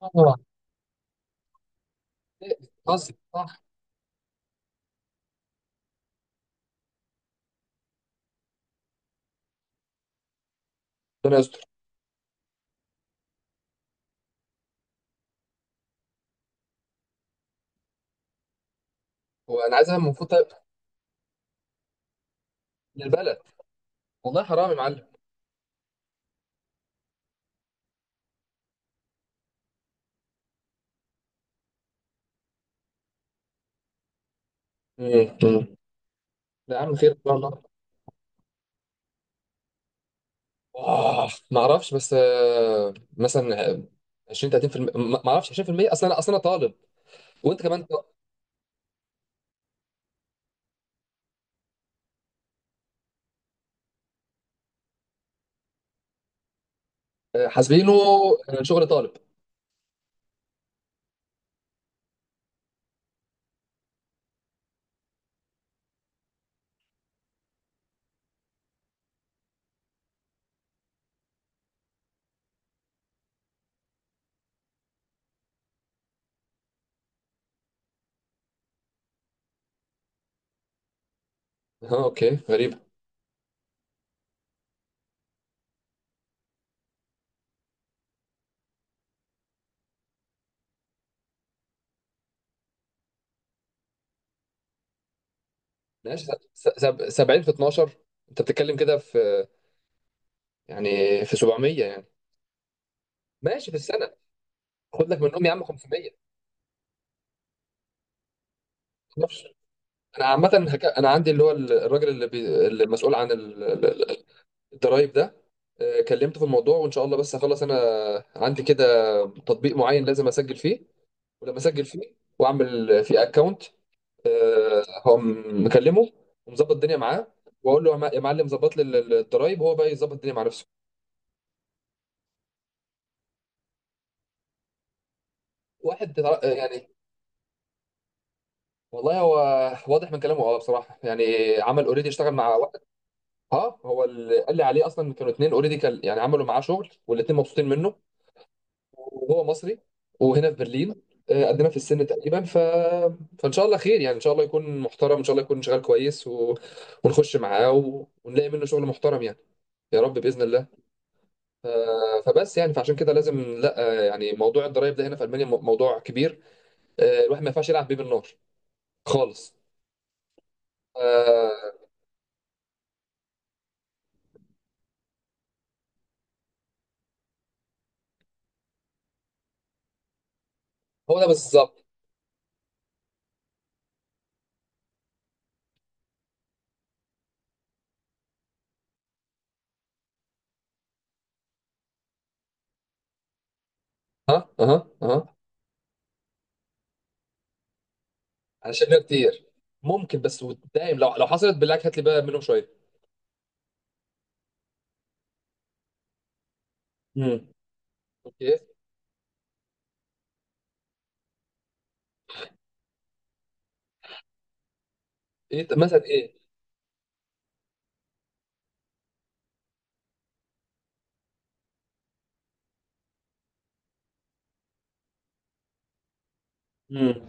طبعا. صح. ربنا يستر. هو انا عايزها منفوطه للبلد. والله حرام يا معلم. مم. مم. لا يا عم، خير ان شاء الله. ما اعرفش، بس مثلا 20 30%، ما اعرفش 20%. اصلا انا طالب، وانت كمان ط- حاسبينه. شغل طالب. اه، اوكي، غريبه. ماشي. 70 في 12، انت بتتكلم كده في، يعني في 700 يعني؟ ماشي، في السنه خد لك منهم يا عم 500. انا عندي اللي هو الراجل اللي مسؤول عن ال- الضرايب ده. كلمته في الموضوع وان شاء الله، بس هخلص انا عندي كده تطبيق معين لازم اسجل فيه، ولما اسجل فيه واعمل فيه اكونت هقوم مكلمه ومظبط الدنيا معاه، واقول له يا معلم ظبط لي الضرايب، وهو بقى يظبط الدنيا مع نفسه. واحد يعني، والله هو واضح من كلامه، اه بصراحه يعني. عمل اوريدي، اشتغل مع واحد. اه، هو اللي قال لي عليه اصلا، كانوا اتنين اوريدي كان يعني عملوا معاه شغل والاتنين مبسوطين منه. وهو مصري وهنا في برلين. قدنا في السن تقريبا. فان شاء الله خير يعني، ان شاء الله يكون محترم، ان شاء الله يكون شغال كويس، ونخش معاه ونلاقي منه شغل محترم يعني. يا رب باذن الله. ف... فبس يعني، فعشان كده لازم لا، يعني موضوع الضرايب ده هنا في المانيا موضوع كبير. الواحد ما ينفعش يلعب بيه بالنار خالص. آه، هو ده بالظبط. ها اها اها. انا شايف إنها كتير. ممكن، بس ودايم، لو حصلت بالله عليك هات لي بقى منهم شويه. امم، اوكي. ايه مثلا؟ ايه.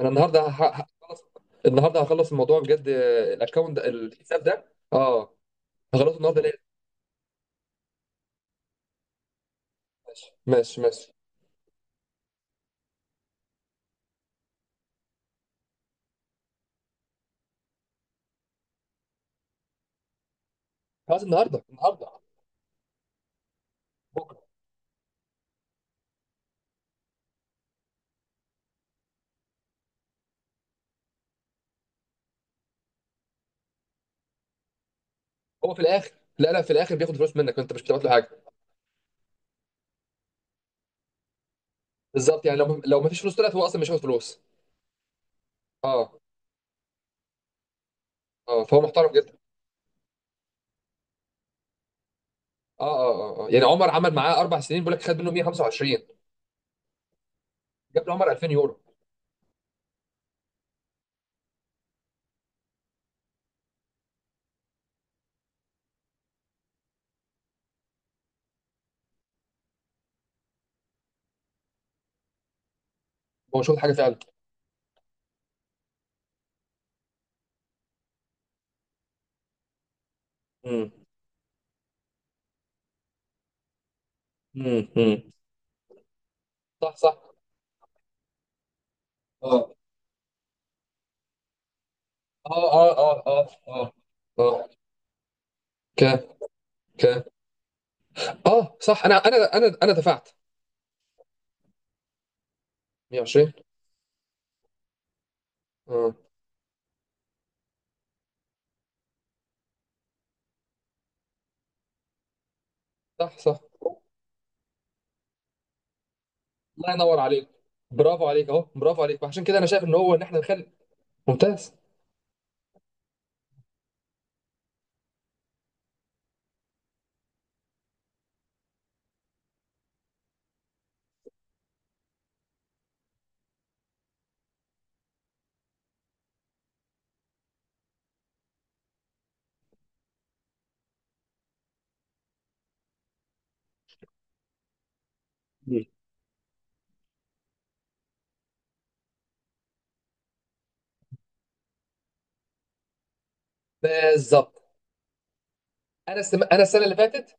انا النهارده هخلص النهارده، هخلص الموضوع بجد. الاكونت ده، الحساب ده. اه، هخلصه النهارده ليه. ماشي. خلاص، النهارده بكره. هو في الاخر، لا في الاخر بياخد فلوس منك، انت مش بتبعت له حاجه. بالظبط، يعني لو ما فيش فلوس طلعت هو اصلا مش هياخد فلوس. اه. اه، فهو محترم جدا. اه. يعني عمر عمل معاه اربع سنين، بيقول لك خد منه 125. جاب له عمر 2000 يورو. هو مش واخد حاجه فعلا. امم. امم صح صح. اه اه اه اه اه اه ك ك اه صح، انا دفعت 120. اه، صح. الله ينور عليك. برافو عليك، اهو برافو عليك. وعشان كده انا شايف ان هو، ان احنا نخلي. ممتاز. مم. بالظبط. انا السنه اللي فاتت،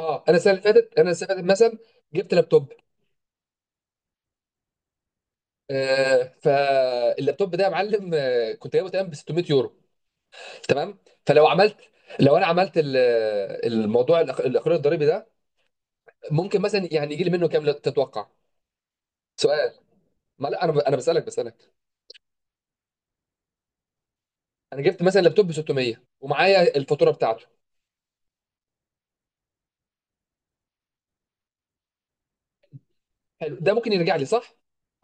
اه انا السنه اللي فاتت انا السنه اللي فاتت مثلا جبت لابتوب. آه، فاللابتوب ده يا معلم، آه كنت جايبه تقريبا ب 600 يورو. تمام. فلو عملت، لو انا عملت الموضوع الاخراج الضريبي ده، ممكن مثلا يعني يجي لي منه كام، لا تتوقع. سؤال، ما لا انا ب... انا بسالك. انا جبت مثلا لابتوب ب 600 ومعايا الفاتوره بتاعته. حلو، ده ممكن يرجع لي صح؟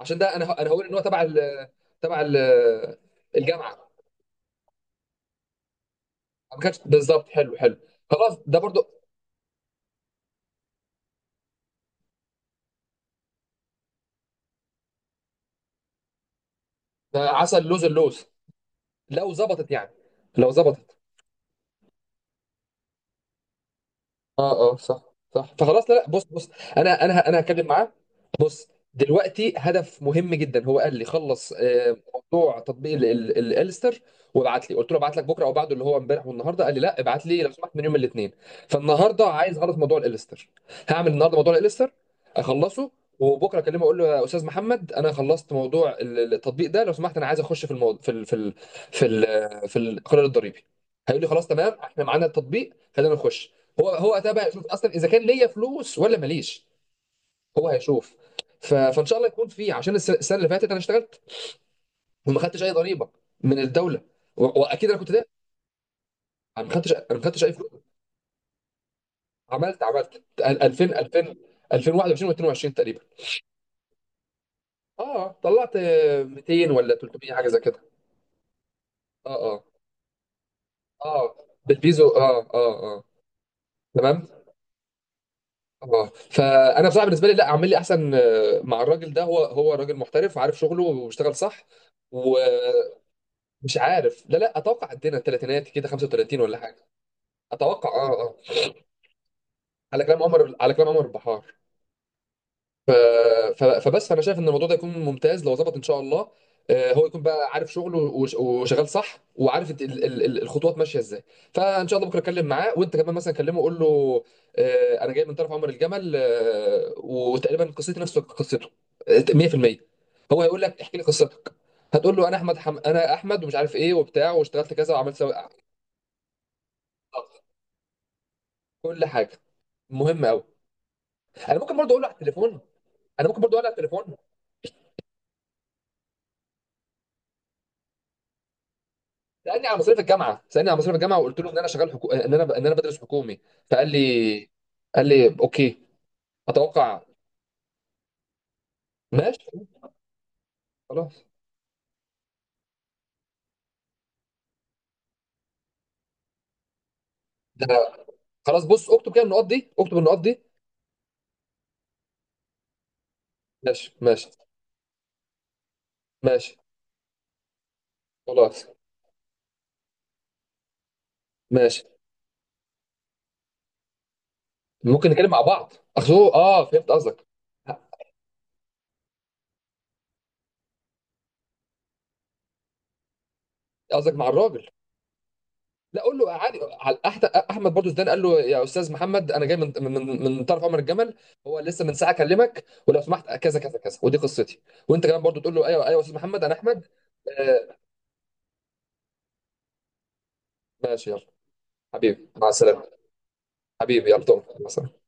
عشان ده انا هقول ان هو تبع ال، تبع ال، الجامعه. ما كانش بالظبط. حلو. خلاص، ده برضو. ده عسل، لوز اللوز، لو ظبطت يعني، لو ظبطت. اه، صح صح. فخلاص، لا، بص. انا هتكلم معاه. بص، دلوقتي هدف مهم جدا، هو قال لي خلص، موضوع تطبيق الالستر وابعت لي. قلت له ابعت لك بكره او بعده، اللي هو امبارح والنهارده، قال لي لا ابعت لي لو سمحت من يوم الاثنين. فالنهارده عايز اعرف موضوع الالستر. هعمل النهارده موضوع الالستر اخلصه، وبكره اكلمه اقول له يا استاذ محمد، انا خلصت موضوع التطبيق ده، لو سمحت انا عايز اخش في الموضوع، في القرار الضريبي. هيقول لي خلاص تمام، احنا معانا التطبيق، خلينا نخش. هو ده بقى يشوف اصلا اذا كان ليا فلوس ولا ماليش. هو هيشوف. فان شاء الله يكون فيه، عشان السنه اللي فاتت انا اشتغلت وما خدتش اي ضريبه من الدوله. واكيد انا كنت ده، انا ما خدتش اي فلوس. عملت 2000 2000 2021 و22 تقريبا. اه، طلعت 200 ولا 300، حاجه زي كده. اه اه اه بالبيزو، اه. تمام. اه. فانا بصراحه بالنسبه لي، لا اعمل لي احسن. مع الراجل ده، هو راجل محترف، عارف شغله واشتغل صح. و... مش عارف، لا اتوقع عندنا الثلاثينات كده، 35 ولا حاجه. اتوقع، اه. على كلام عمر، على كلام عمر البحار. ف... فبس انا شايف ان الموضوع ده يكون ممتاز لو ظبط ان شاء الله. هو يكون بقى عارف شغله، وشغال صح، وعارف الخطوات ماشيه ازاي. فان شاء الله بكره اتكلم معاه، وانت كمان مثلا كلمه قول له، انا جاي من طرف عمر الجمل، وتقريبا قصتي نفس قصته، 100%. هو هيقول لك احكي لي قصتك. هتقول له انا احمد، انا احمد ومش عارف ايه وبتاع، واشتغلت كذا وعملت سوا. كل حاجه. مهم قوي. انا ممكن برضو اقول له على التليفون انا ممكن برضو اقول له على التليفون. سالني على مصاريف الجامعه، وقلت له ان انا شغال ان انا بدرس حكومي. فقال لي، قال لي اوكي. اتوقع. ماشي، خلاص ده. خلاص، بص، اكتب كده النقط دي، اكتب النقط دي. ماشي ماشي ماشي. خلاص. ماشي. ممكن نتكلم مع بعض، اخذوه، اه فهمت قصدك. قصدك مع الراجل؟ لا، قول له عادي، على احمد، برضو زدان قال له يا استاذ محمد، انا جاي من من طرف عمر الجمل، هو لسه من ساعه اكلمك، ولو سمحت كذا كذا كذا ودي قصتي. وانت كمان برضو تقول له، ايوه ايوه يا استاذ محمد انا احمد. آه. ماشي، يلا. حبيبي، مع السلامه. حبيبي، يلا تؤمر. مع السلامه.